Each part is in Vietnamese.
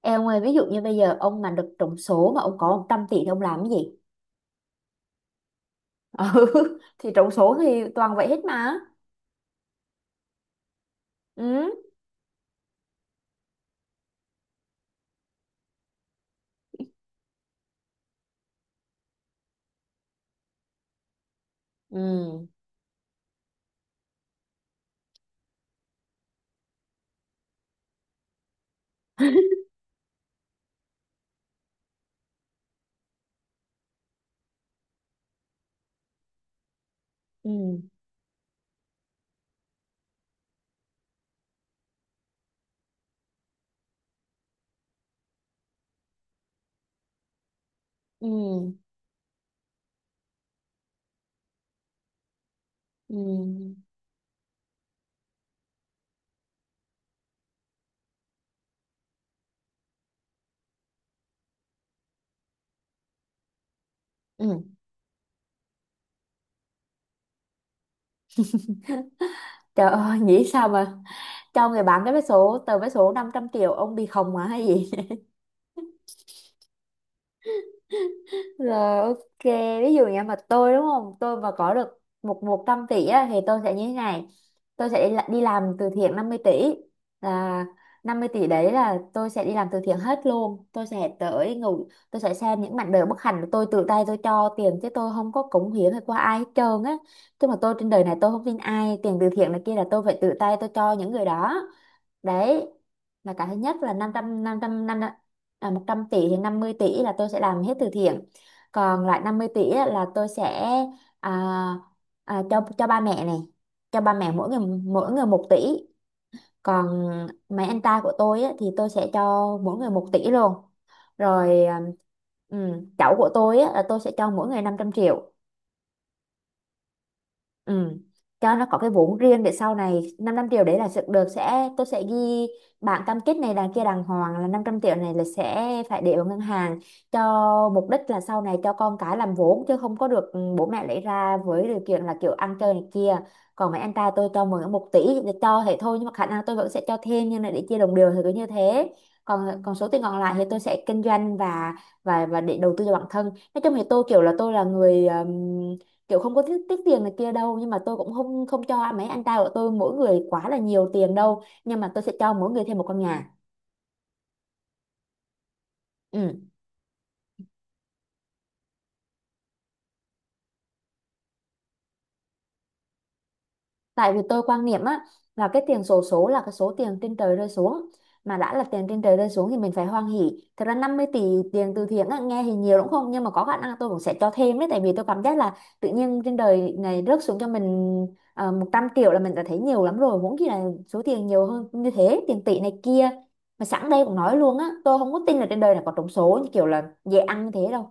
Em ơi, ví dụ như bây giờ ông mà được trúng số mà ông có 100 tỷ thì ông làm cái gì? Ừ, thì trúng số thì toàn vậy hết mà. Ừ. Ừ. Ừ. Ừ. Ừ. Ừ. Trời ơi, nghĩ sao mà cho người bán cái vé số, tờ vé số 500 triệu ông bị khùng mà hay gì? Rồi ok, ví dụ như mà tôi đúng không? Tôi mà có được một một trăm tỷ á, thì tôi sẽ như thế này. Tôi sẽ đi, đi làm từ thiện 50 tỷ, là 50 tỷ đấy là tôi sẽ đi làm từ thiện hết luôn. Tôi sẽ tới ngủ, tôi sẽ xem những mảnh đời bất hạnh của tôi, tự tay tôi cho tiền chứ tôi không có cống hiến hay qua ai hết trơn á. Chứ mà tôi trên đời này tôi không tin ai, tiền từ thiện này kia là tôi phải tự tay tôi cho những người đó. Đấy là cái thứ nhất, là 500 năm trăm năm 100 tỷ thì 50 tỷ là tôi sẽ làm hết từ thiện, còn lại 50 tỷ á, là tôi sẽ à, cho ba mẹ này, cho ba mẹ mỗi người, mỗi người một tỷ. Còn mấy anh trai của tôi á, thì tôi sẽ cho mỗi người một tỷ luôn. Rồi ừ, cháu của tôi á, là tôi sẽ cho mỗi người 500 triệu. Ừ. Cho nó có cái vốn riêng để sau này, 500 triệu đấy là sự được sẽ tôi sẽ ghi bản cam kết này đằng kia đàng hoàng là 500 triệu này là sẽ phải để vào ngân hàng, cho mục đích là sau này cho con cái làm vốn, chứ không có được bố mẹ lấy ra với điều kiện là kiểu ăn chơi này kia. Còn mấy anh trai tôi cho mượn một tỷ thì cho thế thôi, nhưng mà khả năng tôi vẫn sẽ cho thêm, nhưng là để chia đồng đều thì cứ như thế. Còn còn số tiền còn lại thì tôi sẽ kinh doanh và để đầu tư cho bản thân. Nói chung thì tôi kiểu là tôi là người kiểu không có tiếc, tiền này kia đâu, nhưng mà tôi cũng không không cho mấy anh trai của tôi mỗi người quá là nhiều tiền đâu, nhưng mà tôi sẽ cho mỗi người thêm một căn nhà. Ừ. Tại vì tôi quan niệm á, là cái tiền xổ số là cái số tiền trên trời rơi xuống, mà đã là tiền trên trời rơi xuống thì mình phải hoan hỉ. Thật ra 50 tỷ tiền từ thiện á, nghe thì nhiều đúng không, nhưng mà có khả năng tôi cũng sẽ cho thêm đấy, tại vì tôi cảm giác là tự nhiên trên đời này rớt xuống cho mình. Một trăm triệu là mình đã thấy nhiều lắm rồi, huống chi là số tiền nhiều hơn như thế, tiền tỷ này kia. Mà sẵn đây cũng nói luôn á, tôi không có tin là trên đời này có trúng số như kiểu là dễ ăn như thế đâu.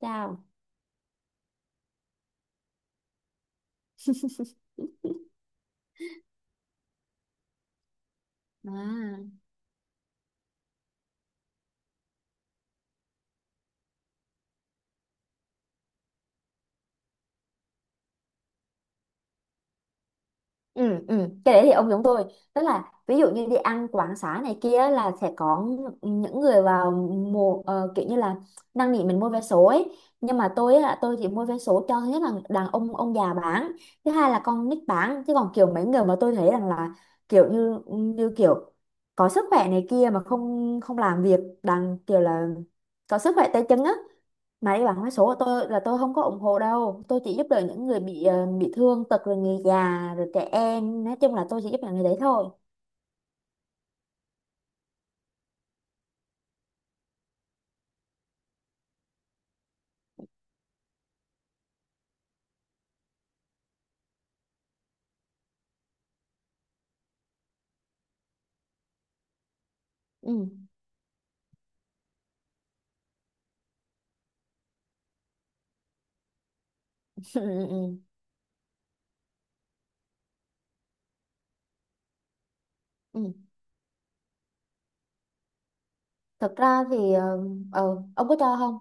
Chao à. Ừ, ừ. Cái đấy thì ông giống tôi, tức là ví dụ như đi ăn quán xá này kia là sẽ có những người vào mùa kiểu như là năn nỉ mình mua vé số ấy, nhưng mà tôi á, tôi chỉ mua vé số cho thứ nhất là đàn ông già bán, thứ hai là con nít bán. Chứ còn kiểu mấy người mà tôi thấy rằng là kiểu như như kiểu có sức khỏe này kia mà không không làm việc, đang kiểu là có sức khỏe tay chân á, mà đi bán vé số là tôi không có ủng hộ đâu. Tôi chỉ giúp đỡ những người bị bị thương tật rồi người già rồi trẻ em, nói chung là tôi chỉ giúp đỡ người đấy thôi. Ừ. Ừ. Ừ. Ừ. Thực ra thì ông có cho không?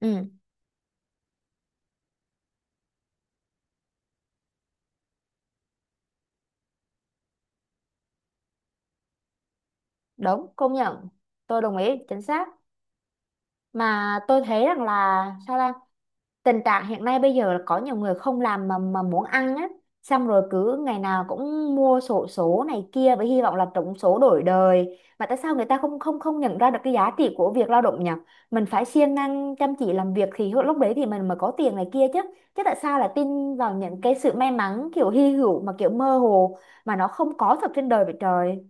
Ừ. Đúng, công nhận. Tôi đồng ý, chính xác. Mà tôi thấy rằng là sao ta, tình trạng hiện nay bây giờ là có nhiều người không làm mà muốn ăn á, xong rồi cứ ngày nào cũng mua xổ số này kia với hy vọng là trúng số đổi đời. Mà tại sao người ta không không không nhận ra được cái giá trị của việc lao động nhỉ? Mình phải siêng năng chăm chỉ làm việc thì lúc đấy thì mình mới có tiền này kia chứ. Chứ tại sao lại tin vào những cái sự may mắn kiểu hy hữu mà kiểu mơ hồ, mà nó không có thật trên đời vậy trời.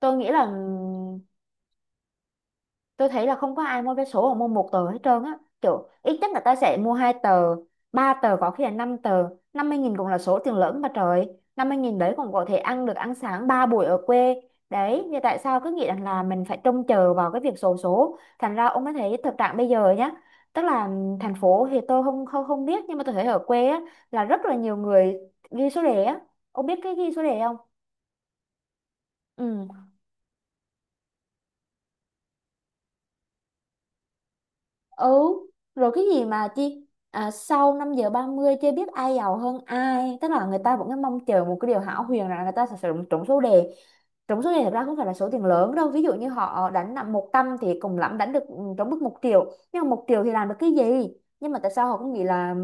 tôi nghĩ là tôi thấy là không có ai mua vé số hoặc mua một tờ hết trơn á, kiểu ít nhất là ta sẽ mua hai tờ, ba tờ, có khi là năm tờ. Năm mươi nghìn cũng là số tiền lớn mà trời, năm mươi nghìn đấy còn có thể ăn được ăn sáng ba buổi ở quê. Đấy thì tại sao cứ nghĩ rằng là mình phải trông chờ vào cái việc xổ số? Thành ra ông mới thấy thực trạng bây giờ nhá, tức là thành phố thì tôi không không không biết, nhưng mà tôi thấy ở quê á là rất là nhiều người ghi số đề á. Ông biết cái ghi số đề không? Ừ. Ừ. Rồi cái gì mà chi sau 5 giờ 30 chưa biết ai giàu hơn ai, tức là người ta vẫn cứ mong chờ một cái điều hão huyền rằng là người ta sẽ trúng trúng số đề. Trúng số đề thật ra không phải là số tiền lớn đâu, ví dụ như họ đánh nặng 100 thì cùng lắm đánh được trúng mức một triệu, nhưng mà 1 triệu thì làm được cái gì? Nhưng mà tại sao họ cũng nghĩ là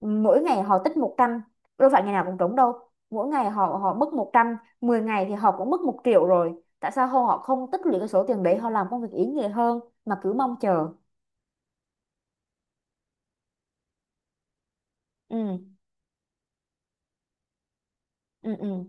mỗi ngày họ tích một trăm? Đâu phải ngày nào cũng trúng đâu, mỗi ngày họ họ mất một trăm, 10 ngày thì họ cũng mất một triệu rồi. Tại sao họ không tích lũy cái số tiền đấy, họ làm công việc ý nghĩa hơn mà cứ mong chờ? Ừ. Ừ, ừ.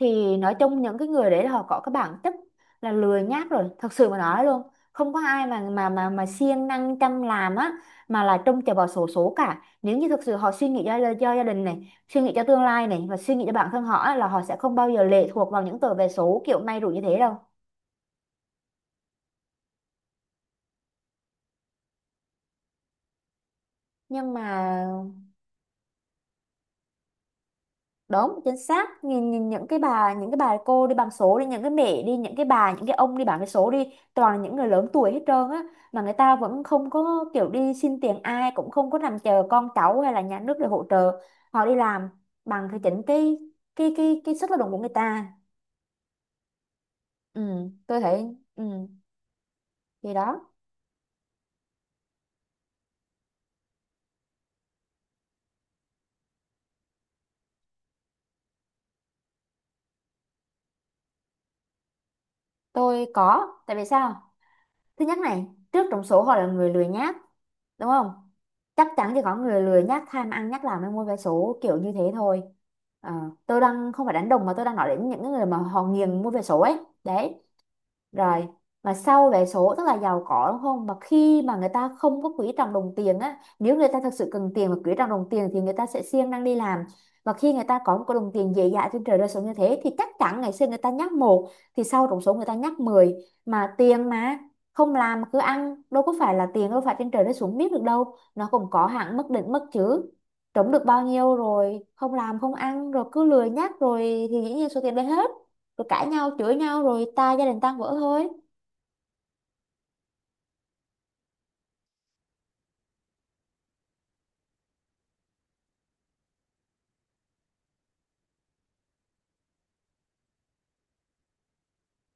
Thì nói chung những cái người đấy là họ có cái bản chất là lười nhác rồi, thật sự mà nói luôn. Không có ai mà siêng năng chăm làm á mà là trông chờ vào xổ số cả. Nếu như thực sự họ suy nghĩ cho gia đình này, suy nghĩ cho tương lai này, và suy nghĩ cho bản thân họ á, là họ sẽ không bao giờ lệ thuộc vào những tờ vé số kiểu may rủi như thế đâu. Nhưng mà đúng, chính xác, nhìn, nhìn những cái bà, những cái bà cô đi bằng số đi, những cái mẹ đi, những cái bà những cái ông đi bằng cái số đi, toàn là những người lớn tuổi hết trơn á, mà người ta vẫn không có kiểu đi xin tiền ai, cũng không có nằm chờ con cháu hay là nhà nước để hỗ trợ. Họ đi làm bằng cái chính cái sức lao động của người ta. Ừ. Tôi thấy ừ, thì đó. Tôi có, tại vì sao? Thứ nhất này, trước trong số họ là người lười nhác, đúng không? Chắc chắn thì có người lười nhác tham ăn nhác làm mới mua vé số kiểu như thế thôi. Ờ, tôi đang không phải đánh đồng, mà tôi đang nói đến những người mà họ nghiền mua vé số ấy đấy. Rồi mà sau vé số tức là giàu có đúng không, mà khi mà người ta không có quý trọng đồng tiền á, nếu người ta thật sự cần tiền và quý trọng đồng tiền thì người ta sẽ siêng năng đi làm. Và khi người ta có một cái đồng tiền dễ dãi trên trời rơi xuống như thế, thì chắc chắn ngày xưa người ta nhắc một thì sau trúng số người ta nhắc mười. Mà tiền mà không làm mà cứ ăn, đâu có phải là tiền đâu phải trên trời rơi xuống, biết được đâu, nó cũng có hạn mức định mức chứ. Trúng được bao nhiêu rồi không làm không ăn rồi cứ lười nhắc rồi, thì dĩ nhiên số tiền đấy hết. Rồi cãi nhau chửi nhau rồi ta gia đình tan vỡ thôi.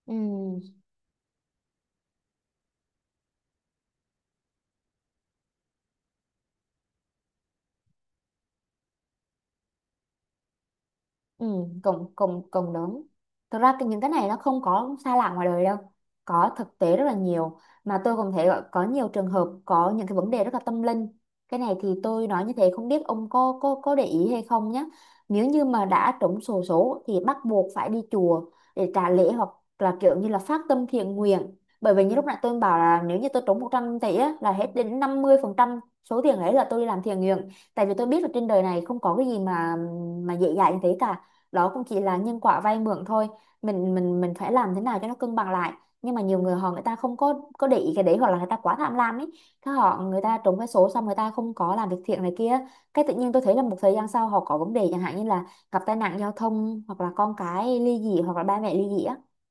Ừ. Ừ, cộng cộng cộng lớn. Thực ra những cái này nó không có xa lạ ngoài đời đâu. Có thực tế rất là nhiều. Mà tôi cũng thấy có nhiều trường hợp có những cái vấn đề rất là tâm linh. Cái này thì tôi nói như thế không biết ông có để ý hay không nhé. Nếu như mà đã trúng xổ số thì bắt buộc phải đi chùa để trả lễ, hoặc là kiểu như là phát tâm thiện nguyện. Bởi vì như lúc nãy tôi bảo là nếu như tôi trúng 100 tỷ á, là hết đến 50% số tiền ấy là tôi đi làm thiện nguyện. Tại vì tôi biết là trên đời này không có cái gì mà dễ dàng như thế cả, đó cũng chỉ là nhân quả vay mượn thôi. Mình phải làm thế nào cho nó cân bằng lại. Nhưng mà nhiều người họ, người ta không có để ý cái đấy, hoặc là người ta quá tham lam ấy, cái họ, người ta trúng cái số xong người ta không có làm việc thiện này kia. Cái tự nhiên tôi thấy là một thời gian sau họ có vấn đề, chẳng hạn như là gặp tai nạn giao thông, hoặc là con cái ly dị, hoặc là ba mẹ ly dị á.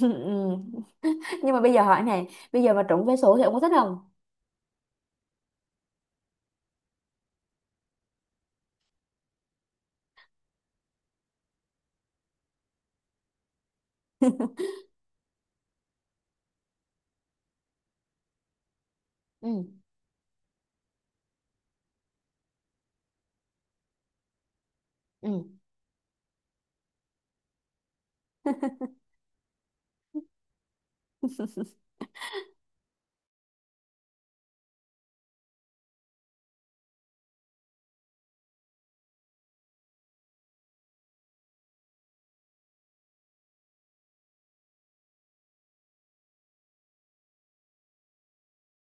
Ừ. Nhưng mà bây giờ hỏi này, bây giờ mà trúng vé số thì ông có thích không? Ừ. Ừ.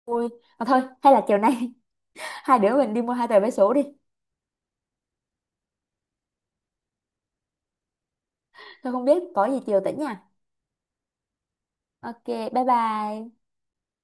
Vui. Mà thôi, hay là chiều nay hai đứa mình đi mua hai tờ vé số đi? Tôi không biết, có gì chiều tỉnh nha. Ok, bye bye.